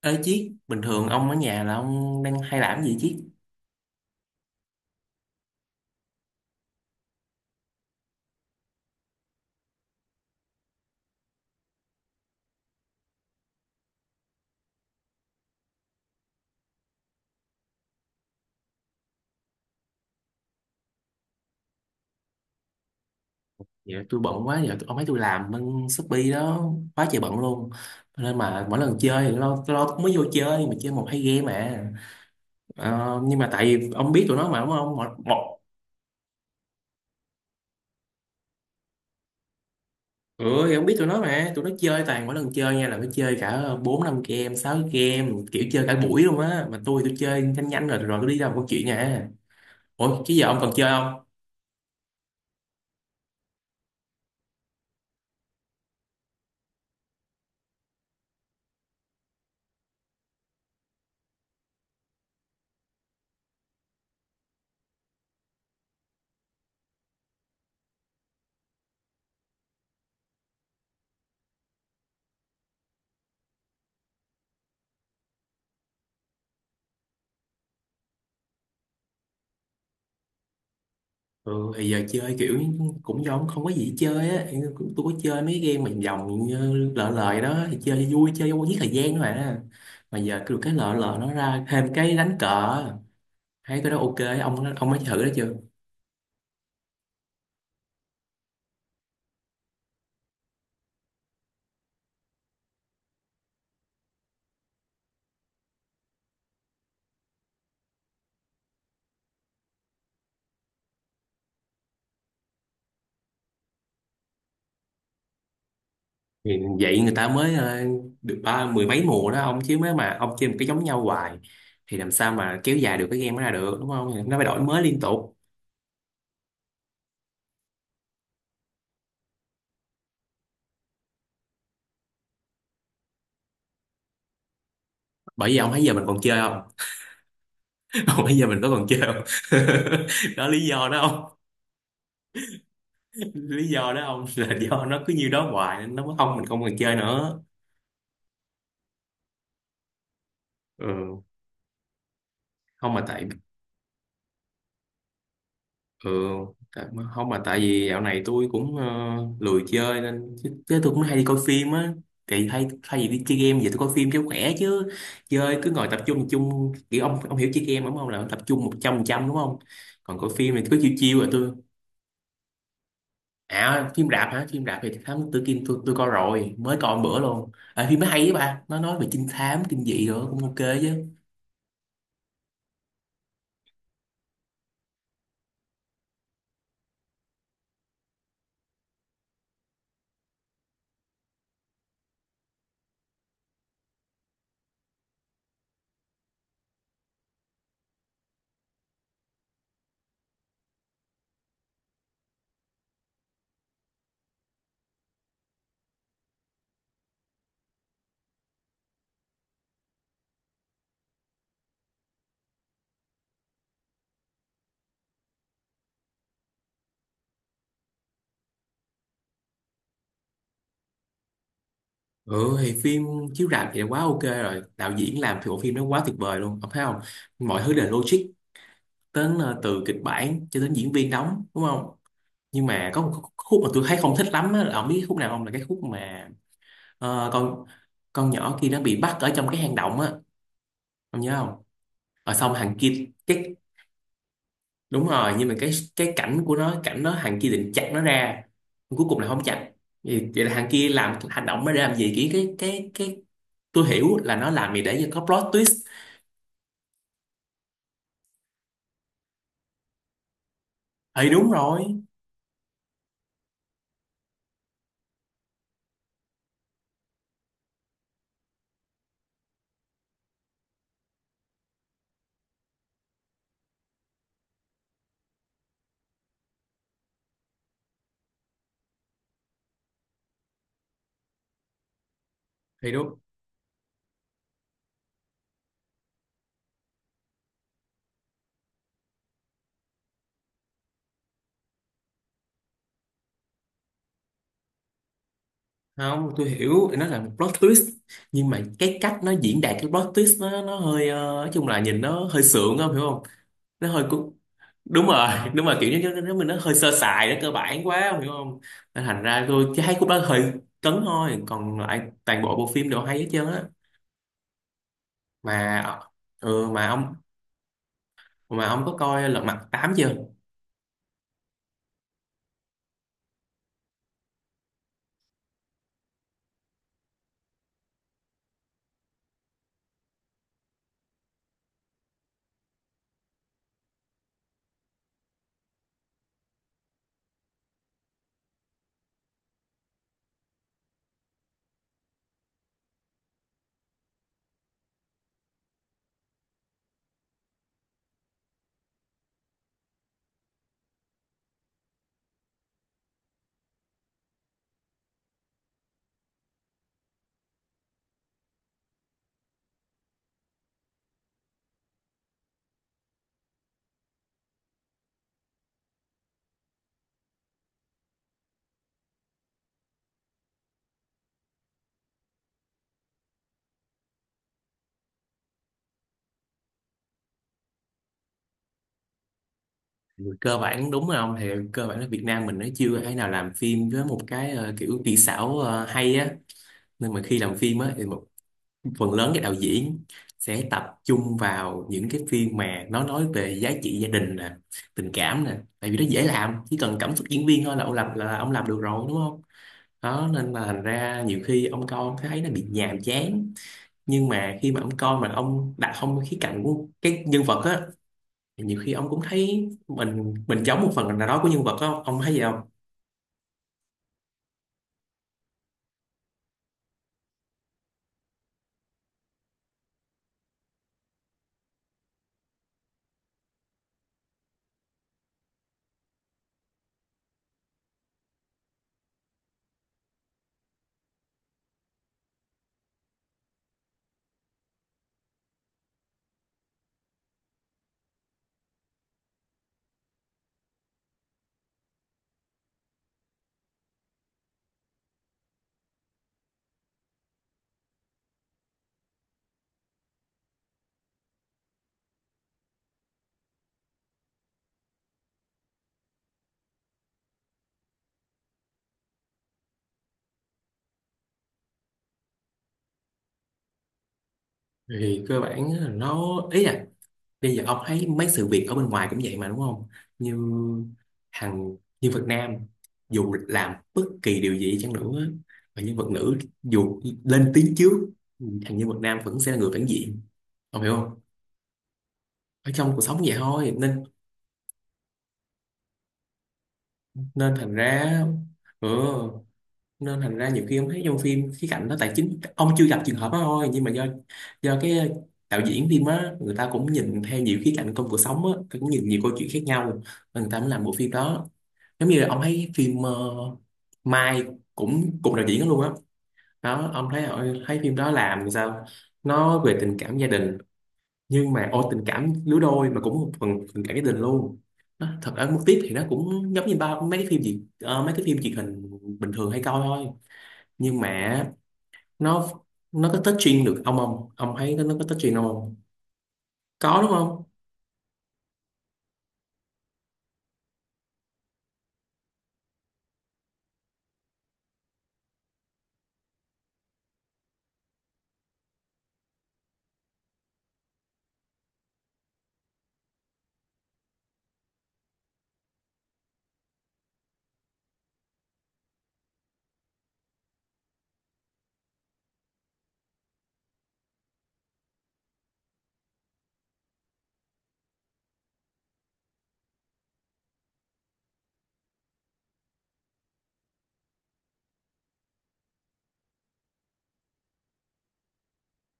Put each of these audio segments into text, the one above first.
Ê Chiết, bình thường ông ở nhà là ông đang hay làm gì Chiết? Dạ tôi bận quá, giờ tôi- ông thấy tôi làm bên Shopee đó, quá trời bận luôn. Nên mà mỗi lần chơi thì lo, tôi lo cũng mới vô chơi, mà chơi một hai game mà. Nhưng mà tại vì ông biết tụi nó mà đúng không? Một, một. Ừ, thì ông biết tụi nó mà, tụi nó chơi toàn mỗi lần chơi nha là nó chơi cả 4 5 game, 6 game, kiểu chơi cả buổi luôn á. Mà tôi chơi nhanh nhanh rồi rồi tôi đi làm câu chuyện nè. Ủa, chứ giờ ông còn chơi không? Ừ, thì giờ chơi kiểu cũng giống không có gì chơi á, cũng tôi có chơi mấy game mà vòng như lợ lời đó thì chơi vui chơi cho giết thời gian thôi à. Mà giờ cứ cái lợ lợ nó ra thêm cái đánh cờ, thấy cái đó ok, ông mới thử đó chưa? Thì vậy người ta mới được ba mười mấy mùa đó ông, chứ mới mà ông chơi một cái giống nhau hoài thì làm sao mà kéo dài được cái game đó ra được đúng không? Thì nó phải đổi mới liên tục. Bởi vì ông thấy giờ mình còn chơi không? Ông thấy giờ mình có còn chơi không? Đó lý do đó ông, lý do đó ông. Là do nó cứ như đó hoài nên nó mới không, mình không còn chơi nữa. Ừ, không mà tại, ừ, tại, không mà tại vì dạo này tôi cũng lười chơi nên chứ, chứ tôi cũng hay đi coi phim á. Thì hay thay vì đi chơi game giờ tôi coi phim cho khỏe chứ, chơi cứ ngồi tập trung kiểu ông hiểu chơi game đúng không, là tập trung một trăm phần trăm đúng không? Còn coi phim thì cứ chiêu chiêu rồi tôi. À phim rạp hả? Phim rạp thì Thám Tử Kiên tôi coi rồi, mới coi một bữa luôn à, phim nó hay, với bà nó nói về trinh thám kinh dị rồi cũng ok chứ. Ừ thì phim chiếu rạp thì quá ok rồi, đạo diễn làm thì bộ phim nó quá tuyệt vời luôn. Ông thấy không? Mọi thứ đều logic. Đến từ kịch bản cho đến diễn viên đóng, đúng không? Nhưng mà có một khúc mà tôi thấy không thích lắm á, là ông biết khúc nào không? Là cái khúc mà ờ, con con nhỏ kia nó bị bắt ở trong cái hang động á. Ông nhớ không? Ở xong thằng kia cái, đúng rồi, nhưng mà cái cảnh của nó, cảnh nó thằng kia định chặt nó ra nhưng cuối cùng là không chặt. Vậy, vậy là thằng kia làm hành động mới để làm gì? Cái tôi hiểu là nó làm gì để cho có plot twist, thì đúng rồi, thì đúng không? Tôi hiểu nó là một plot twist, nhưng mà cái cách nó diễn đạt cái plot twist nó hơi nói chung là nhìn nó hơi sượng không hiểu không? Nó hơi cu-, đúng rồi. Đúng rồi, kiểu như nó hơi sơ sài, nó cơ bản quá không hiểu không? Nên thành ra tôi chỉ thấy khúc đó hơi cấn thôi, còn lại toàn bộ bộ phim đều hay hết trơn á. Mà ừ, mà ông, mà ông có coi Lật Mặt tám chưa? Ừ, cơ bản đúng rồi ông, thì cơ bản là Việt Nam mình nó chưa thể nào làm phim với một cái kiểu kỹ xảo hay á. Nên mà khi làm phim á thì phần lớn các đạo diễn sẽ tập trung vào những cái phim mà nó nói về giá trị gia đình nè, tình cảm nè, tại vì nó dễ làm, chỉ cần cảm xúc diễn viên thôi là ông làm được rồi đúng không? Đó nên là thành ra nhiều khi ông coi ông thấy nó bị nhàm chán. Nhưng mà khi mà ông coi mà ông đặt không khía cạnh của cái nhân vật á, thì nhiều khi ông cũng thấy mình giống một phần nào đó của nhân vật á, ông thấy gì không? Thì cơ bản là nó, ý là bây giờ ông thấy mấy sự việc ở bên ngoài cũng vậy mà đúng không? Như hàng nhân vật nam dù làm bất kỳ điều gì chăng nữa và nhân vật nữ dù lên tiếng trước, thằng nhân vật nam vẫn sẽ là người phản diện, ông hiểu không? Ở trong cuộc sống vậy thôi nên, nên thành ra, ừ, nên thành ra nhiều khi ông thấy trong phim khía cạnh đó tài chính ông chưa gặp trường hợp đó thôi, nhưng mà do do cái đạo diễn phim á, người ta cũng nhìn theo nhiều khía cạnh trong cuộc sống á, cũng nhìn nhiều câu chuyện khác nhau nên người ta mới làm bộ phim đó. Giống như là ông thấy phim Mai cũng cùng đạo diễn đó luôn á. Đó ông thấy thấy phim đó làm sao? Nó về tình cảm gia đình nhưng mà ô tình cảm lứa đôi mà cũng một phần tình cảm gia đình luôn. Nó, thật ở mức tiếp thì nó cũng giống như bao mấy cái phim gì mấy cái phim truyền hình bình thường hay coi thôi. Nhưng mà nó nó có touching được ông không, ông thấy nó có touching ông không? Có đúng không?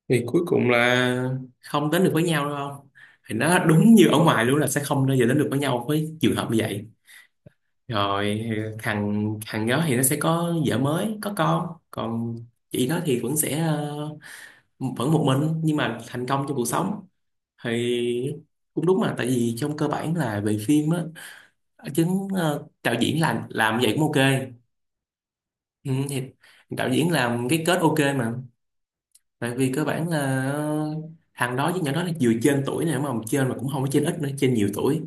Thì cuối cùng là không đến được với nhau đúng không? Thì nó đúng như ở ngoài luôn là sẽ không bao giờ đến được với nhau với trường hợp như vậy. Rồi thằng thằng đó thì nó sẽ có vợ mới có con, còn chị nó thì vẫn sẽ vẫn một mình nhưng mà thành công trong cuộc sống. Thì cũng đúng mà, tại vì trong cơ bản là về phim á, chứng đạo diễn làm vậy cũng ok. Ừ, thì đạo diễn làm cái kết ok mà. Tại vì cơ bản là thằng đó với nhỏ đó là vừa trên tuổi này mà trên mà cũng không có trên ít nữa, trên nhiều tuổi,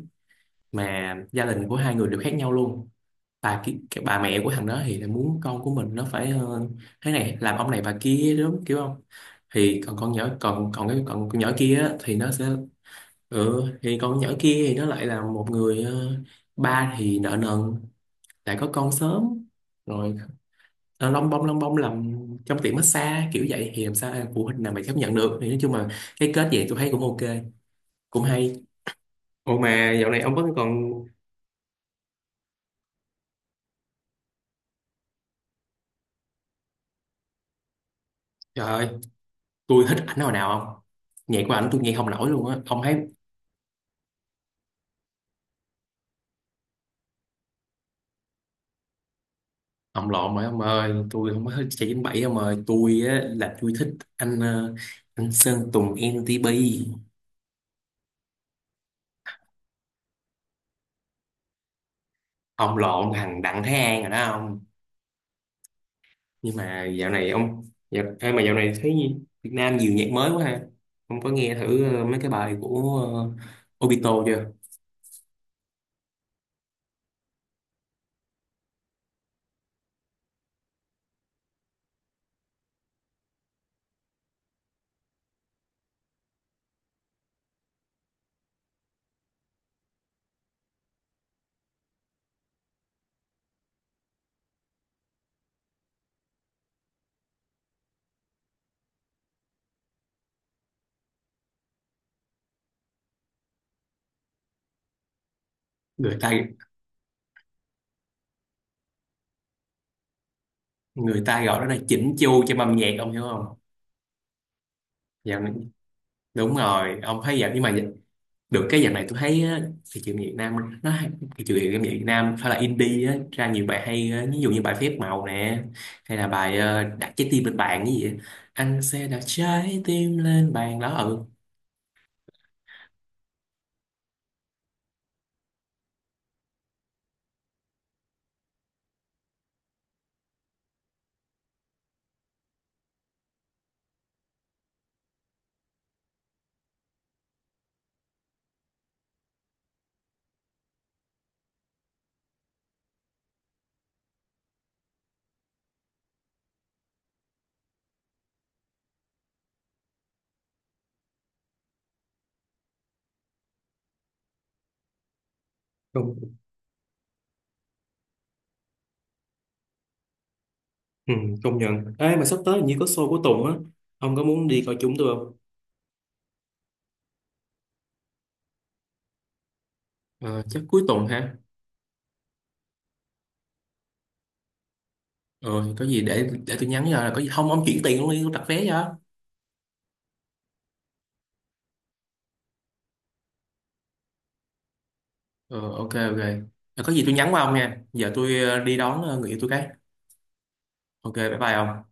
mà gia đình của hai người đều khác nhau luôn. Bà ki- cái bà mẹ của thằng đó thì là muốn con của mình nó phải thế này làm ông này bà kia đúng kiểu không? Thì còn con nhỏ còn còn cái còn con nhỏ kia á, thì nó sẽ, ừ, thì con nhỏ kia thì nó lại là một người ba thì nợ nần, lại có con sớm, rồi lông bông làm trong tiệm massage kiểu vậy thì làm sao phụ huynh nào mà chấp nhận được. Thì nói chung là cái kết vậy tôi thấy cũng ok, cũng hay. Ủa mà dạo này ông vẫn còn, trời ơi tôi thích ảnh hồi nào không, nhạc của ảnh tôi nghe không nổi luôn á ông thấy. Ông lộn rồi ông ơi, tôi không có thích chạy chín bảy ông ơi, tôi á là tôi thích anh anh Sơn Tùng MTP. Ông lộn thằng Đặng Thái An rồi đó ông. Nhưng mà dạo này ông, dạo, ê, mà dạo này thấy Việt Nam nhiều nhạc mới quá ha. Ông có nghe thử mấy cái bài của Obito chưa? Người ta người ta gọi đó là chỉnh chu cho âm nhạc ông hiểu không? Dạo này, đúng rồi ông thấy dạo, nhưng mà được cái dạo này tôi thấy á, thị trường Việt Nam nó hay-, thị trường âm nhạc Việt Nam phải là indie á, ra nhiều bài hay á, ví dụ như bài Phép Màu nè, hay là bài đặt trái tim lên bàn cái gì vậy? Anh sẽ đặt trái tim lên bàn đó. Ừ, ừ, công nhận. Ê, mà sắp tới hình như có show của Tùng á. Ông có muốn đi coi chúng tôi không? Ờ, chắc cuối tuần ha. Ờ, thì có gì để tôi nhắn cho. Có gì không, ông chuyển tiền luôn đi, tôi đặt vé cho. Ờ, ok, ok. Ờ, có gì tôi nhắn qua ông nha. Giờ tôi đi đón người yêu tôi cái. Ok, bye bye ông.